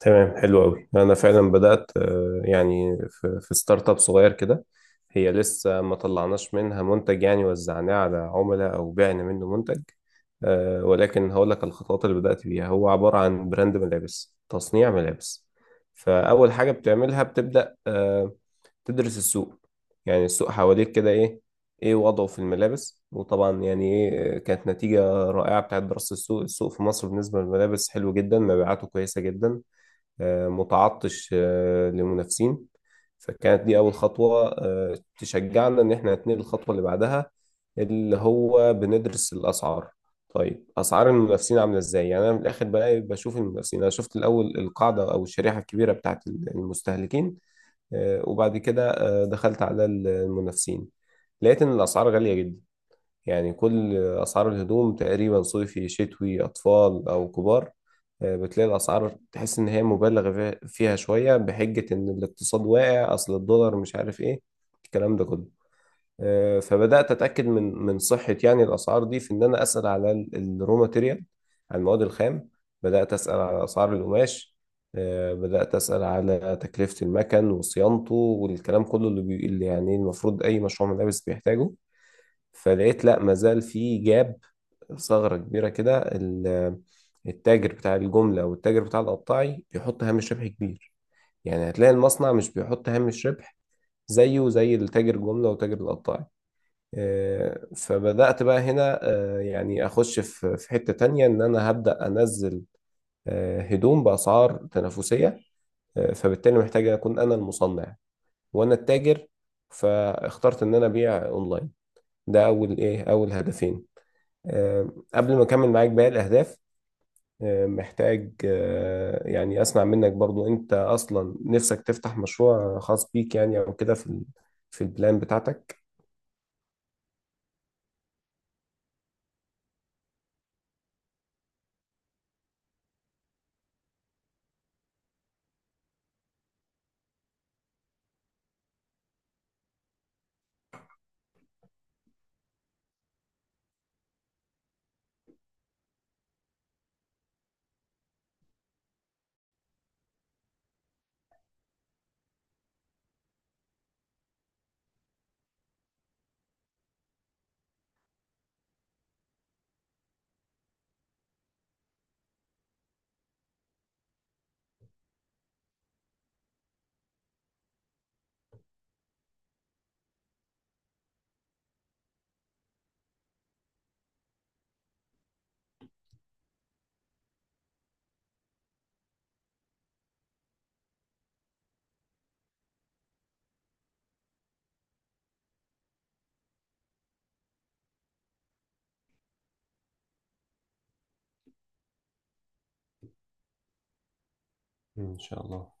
تمام، حلو قوي. انا فعلا بدات، يعني في ستارت اب صغير كده. هي لسه ما طلعناش منها منتج يعني وزعناه على عملاء او بعنا منه منتج. ولكن هقول لك الخطوات اللي بدات بيها. هو عباره عن براند ملابس، تصنيع ملابس. فاول حاجه بتعملها بتبدا تدرس السوق. يعني السوق حواليك كده ايه وضعه في الملابس؟ وطبعا يعني ايه كانت نتيجه رائعه بتاعت دراسه السوق في مصر بالنسبه للملابس حلو جدا، مبيعاته كويسه جدا، متعطش لمنافسين. فكانت دي أول خطوة تشجعنا إن إحنا نتنقل الخطوة اللي بعدها، اللي هو بندرس الأسعار. طيب أسعار المنافسين عاملة إزاي؟ يعني أنا من الآخر بلاقي بشوف المنافسين. أنا شفت الأول القاعدة أو الشريحة الكبيرة بتاعت المستهلكين. وبعد كده دخلت على المنافسين، لقيت إن الأسعار غالية جدا. يعني كل أسعار الهدوم تقريبا، صيفي شتوي أطفال أو كبار، بتلاقي الأسعار، تحس إن هي مبالغ فيها شوية، بحجة إن الاقتصاد واقع، أصل الدولار مش عارف إيه الكلام ده كله. فبدأت أتأكد من صحة يعني الأسعار دي، في إن أنا أسأل على الرو ماتيريال، على المواد الخام. بدأت أسأل على أسعار القماش. بدأت أسأل على تكلفة المكن وصيانته والكلام كله اللي يعني المفروض أي مشروع ملابس بيحتاجه. فلقيت لا، ما زال في جاب، ثغرة كبيرة كده. التاجر بتاع الجملة أو التاجر بتاع القطاعي بيحط هامش ربح كبير. يعني هتلاقي المصنع مش بيحط هامش ربح زيه زي التاجر الجملة وتاجر القطاعي. فبدأت بقى هنا، يعني أخش في حتة تانية، إن أنا هبدأ أنزل هدوم بأسعار تنافسية. فبالتالي محتاج أكون أنا المصنع وأنا التاجر. فاخترت إن أنا أبيع أونلاين. ده أول، إيه، أول هدفين. قبل ما اكمل معاك باقي الاهداف، محتاج يعني اسمع منك برضو، انت اصلا نفسك تفتح مشروع خاص بيك يعني؟ او كده في في البلان بتاعتك؟ إن شاء الله.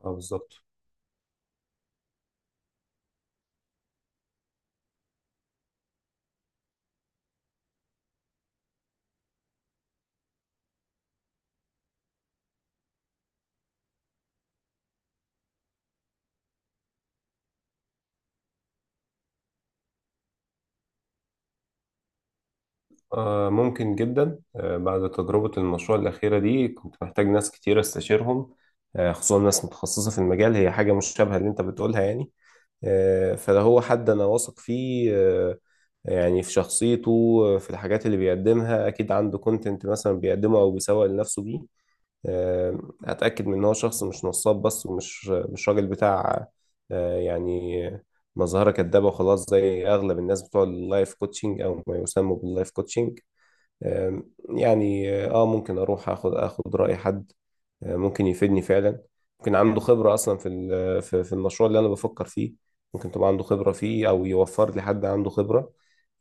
اه، بالظبط. ممكن جدا. بعد تجربة المشروع الأخيرة دي كنت محتاج ناس كتير استشيرهم. خصوصا ناس متخصصة في المجال، هي حاجة مشابهة اللي أنت بتقولها يعني. فده هو حد انا واثق فيه، يعني في شخصيته، في الحاجات اللي بيقدمها. اكيد عنده كونتنت مثلا بيقدمه او بيسوق لنفسه بيه. هتاكد من ان هو شخص مش نصاب بس، ومش مش راجل بتاع يعني مظهره كدابه وخلاص، زي اغلب الناس بتوع اللايف كوتشنج او ما يسموا باللايف كوتشنج. آه، يعني اه ممكن اروح اخد راي حد، ممكن يفيدني فعلا. ممكن عنده خبرة أصلا في ال- في في المشروع اللي أنا بفكر فيه. ممكن تبقى عنده خبرة فيه أو يوفر لي حد عنده خبرة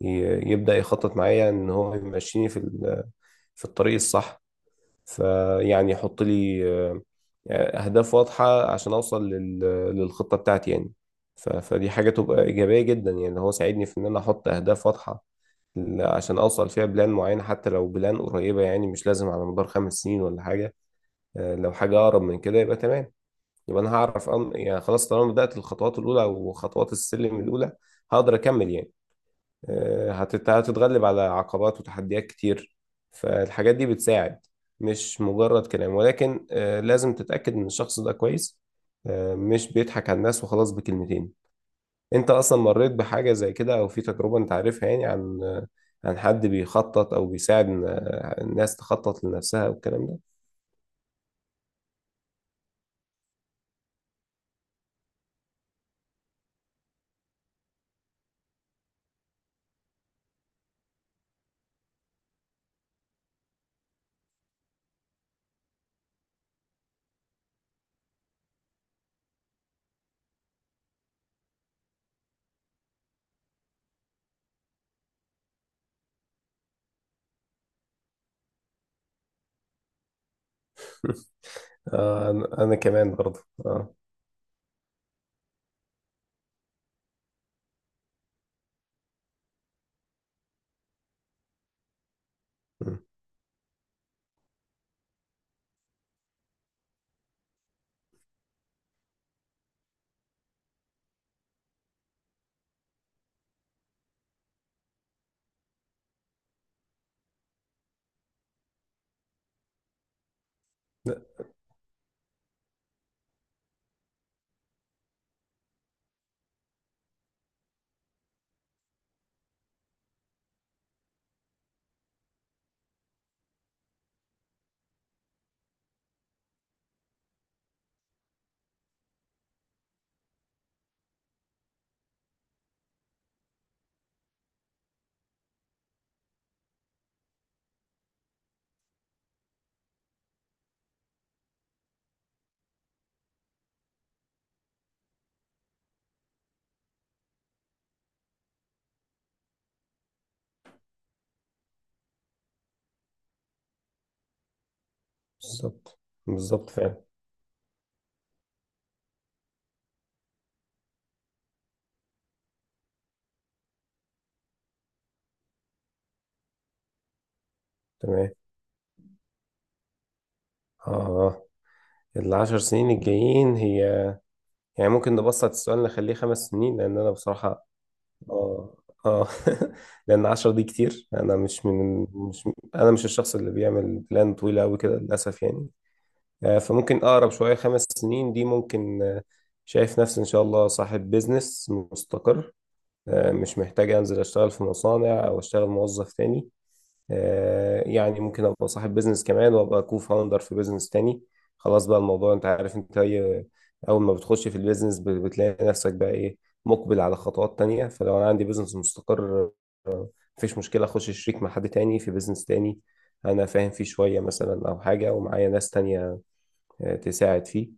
يبدأ يخطط معايا، إن هو يمشيني في الطريق الصح. فيعني يحط لي آه، أهداف واضحة عشان أوصل للخطة بتاعتي يعني. فدي حاجة تبقى إيجابية جدا يعني، اللي هو ساعدني في إن أنا أحط أهداف واضحة عشان أوصل فيها بلان معينة، حتى لو بلان قريبة يعني، مش لازم على مدار 5 سنين ولا حاجة. لو حاجة أقرب من كده يبقى تمام. يبقى أنا هعرف يعني خلاص، طالما بدأت الخطوات الأولى أو خطوات السلم الأولى هقدر أكمل يعني. هتتغلب على عقبات وتحديات كتير. فالحاجات دي بتساعد. مش مجرد كلام، ولكن لازم تتأكد إن الشخص ده كويس، مش بيضحك على الناس وخلاص بكلمتين. أنت أصلا مريت بحاجة زي كده؟ أو في تجربة أنت عارفها يعني عن عن حد بيخطط أو بيساعد الناس تخطط لنفسها والكلام ده؟ أنا كمان برضه. أه. لا. بالظبط. بالظبط فعلا. تمام. اه. ال10 سنين الجايين هي، يعني ممكن نبسط السؤال نخليه 5 سنين، لان انا بصراحة اه، اه، لان عشر دي كتير. انا مش الشخص اللي بيعمل بلان طويلة قوي كده للاسف يعني. فممكن اقرب شوية، 5 سنين دي ممكن. شايف نفسي ان شاء الله صاحب بيزنس مستقر، مش محتاج انزل اشتغل في مصانع او اشتغل موظف تاني. يعني ممكن ابقى صاحب بيزنس كمان وابقى كو فاوندر في بيزنس تاني. خلاص بقى، الموضوع انت عارف انت اي. اول ما بتخش في البيزنس بتلاقي نفسك بقى ايه؟ مقبل على خطوات تانية. فلو انا عندي بيزنس مستقر، مفيش مشكلة اخش شريك مع حد تاني في بيزنس تاني انا فاهم فيه شوية مثلا، او حاجة ومعايا ناس تانية تساعد فيه.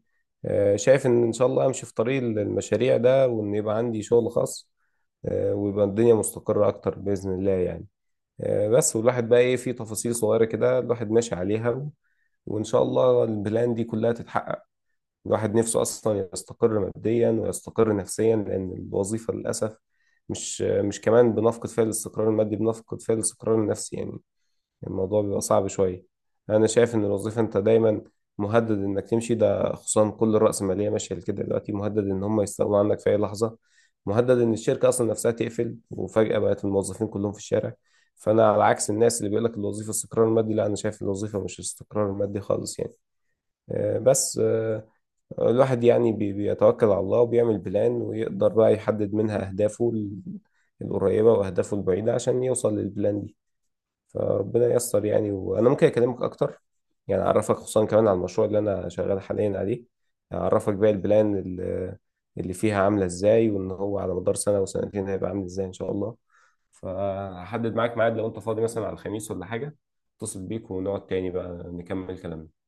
شايف ان ان شاء الله امشي في طريق المشاريع ده، وان يبقى عندي شغل خاص، ويبقى الدنيا مستقرة اكتر بإذن الله يعني. بس والواحد بقى ايه في تفاصيل صغيرة كده الواحد ماشي عليها وان شاء الله البلان دي كلها تتحقق. الواحد نفسه اصلا يستقر ماديا ويستقر نفسيا، لان الوظيفة للاسف مش كمان بنفقد فيها الاستقرار المادي، بنفقد فيها الاستقرار النفسي يعني. الموضوع بيبقى صعب شوية. أنا شايف إن الوظيفة أنت دايما مهدد إنك تمشي، ده خصوصا كل الرأسمالية ماشية كده دلوقتي. مهدد إن هم يستغنوا عنك في أي لحظة، مهدد إن الشركة أصلا نفسها تقفل وفجأة بقت الموظفين كلهم في الشارع. فأنا على عكس الناس اللي بيقول لك الوظيفة استقرار مادي. لا، أنا شايف الوظيفة مش استقرار مادي خالص يعني. بس الواحد يعني بيتوكل على الله وبيعمل بلان، ويقدر بقى يحدد منها أهدافه القريبة وأهدافه البعيدة، عشان يوصل للبلان دي. فربنا ييسر يعني. وانا ممكن اكلمك اكتر يعني، اعرفك خصوصا كمان على المشروع اللي انا شغال حاليا عليه، اعرفك بقى البلان اللي فيها عامله ازاي، وان هو على مدار سنه وسنتين هيبقى عامل ازاي ان شاء الله. فهحدد معاك ميعاد، لو انت فاضي مثلا على الخميس ولا حاجه اتصل بيك ونقعد تاني بقى نكمل كلامنا.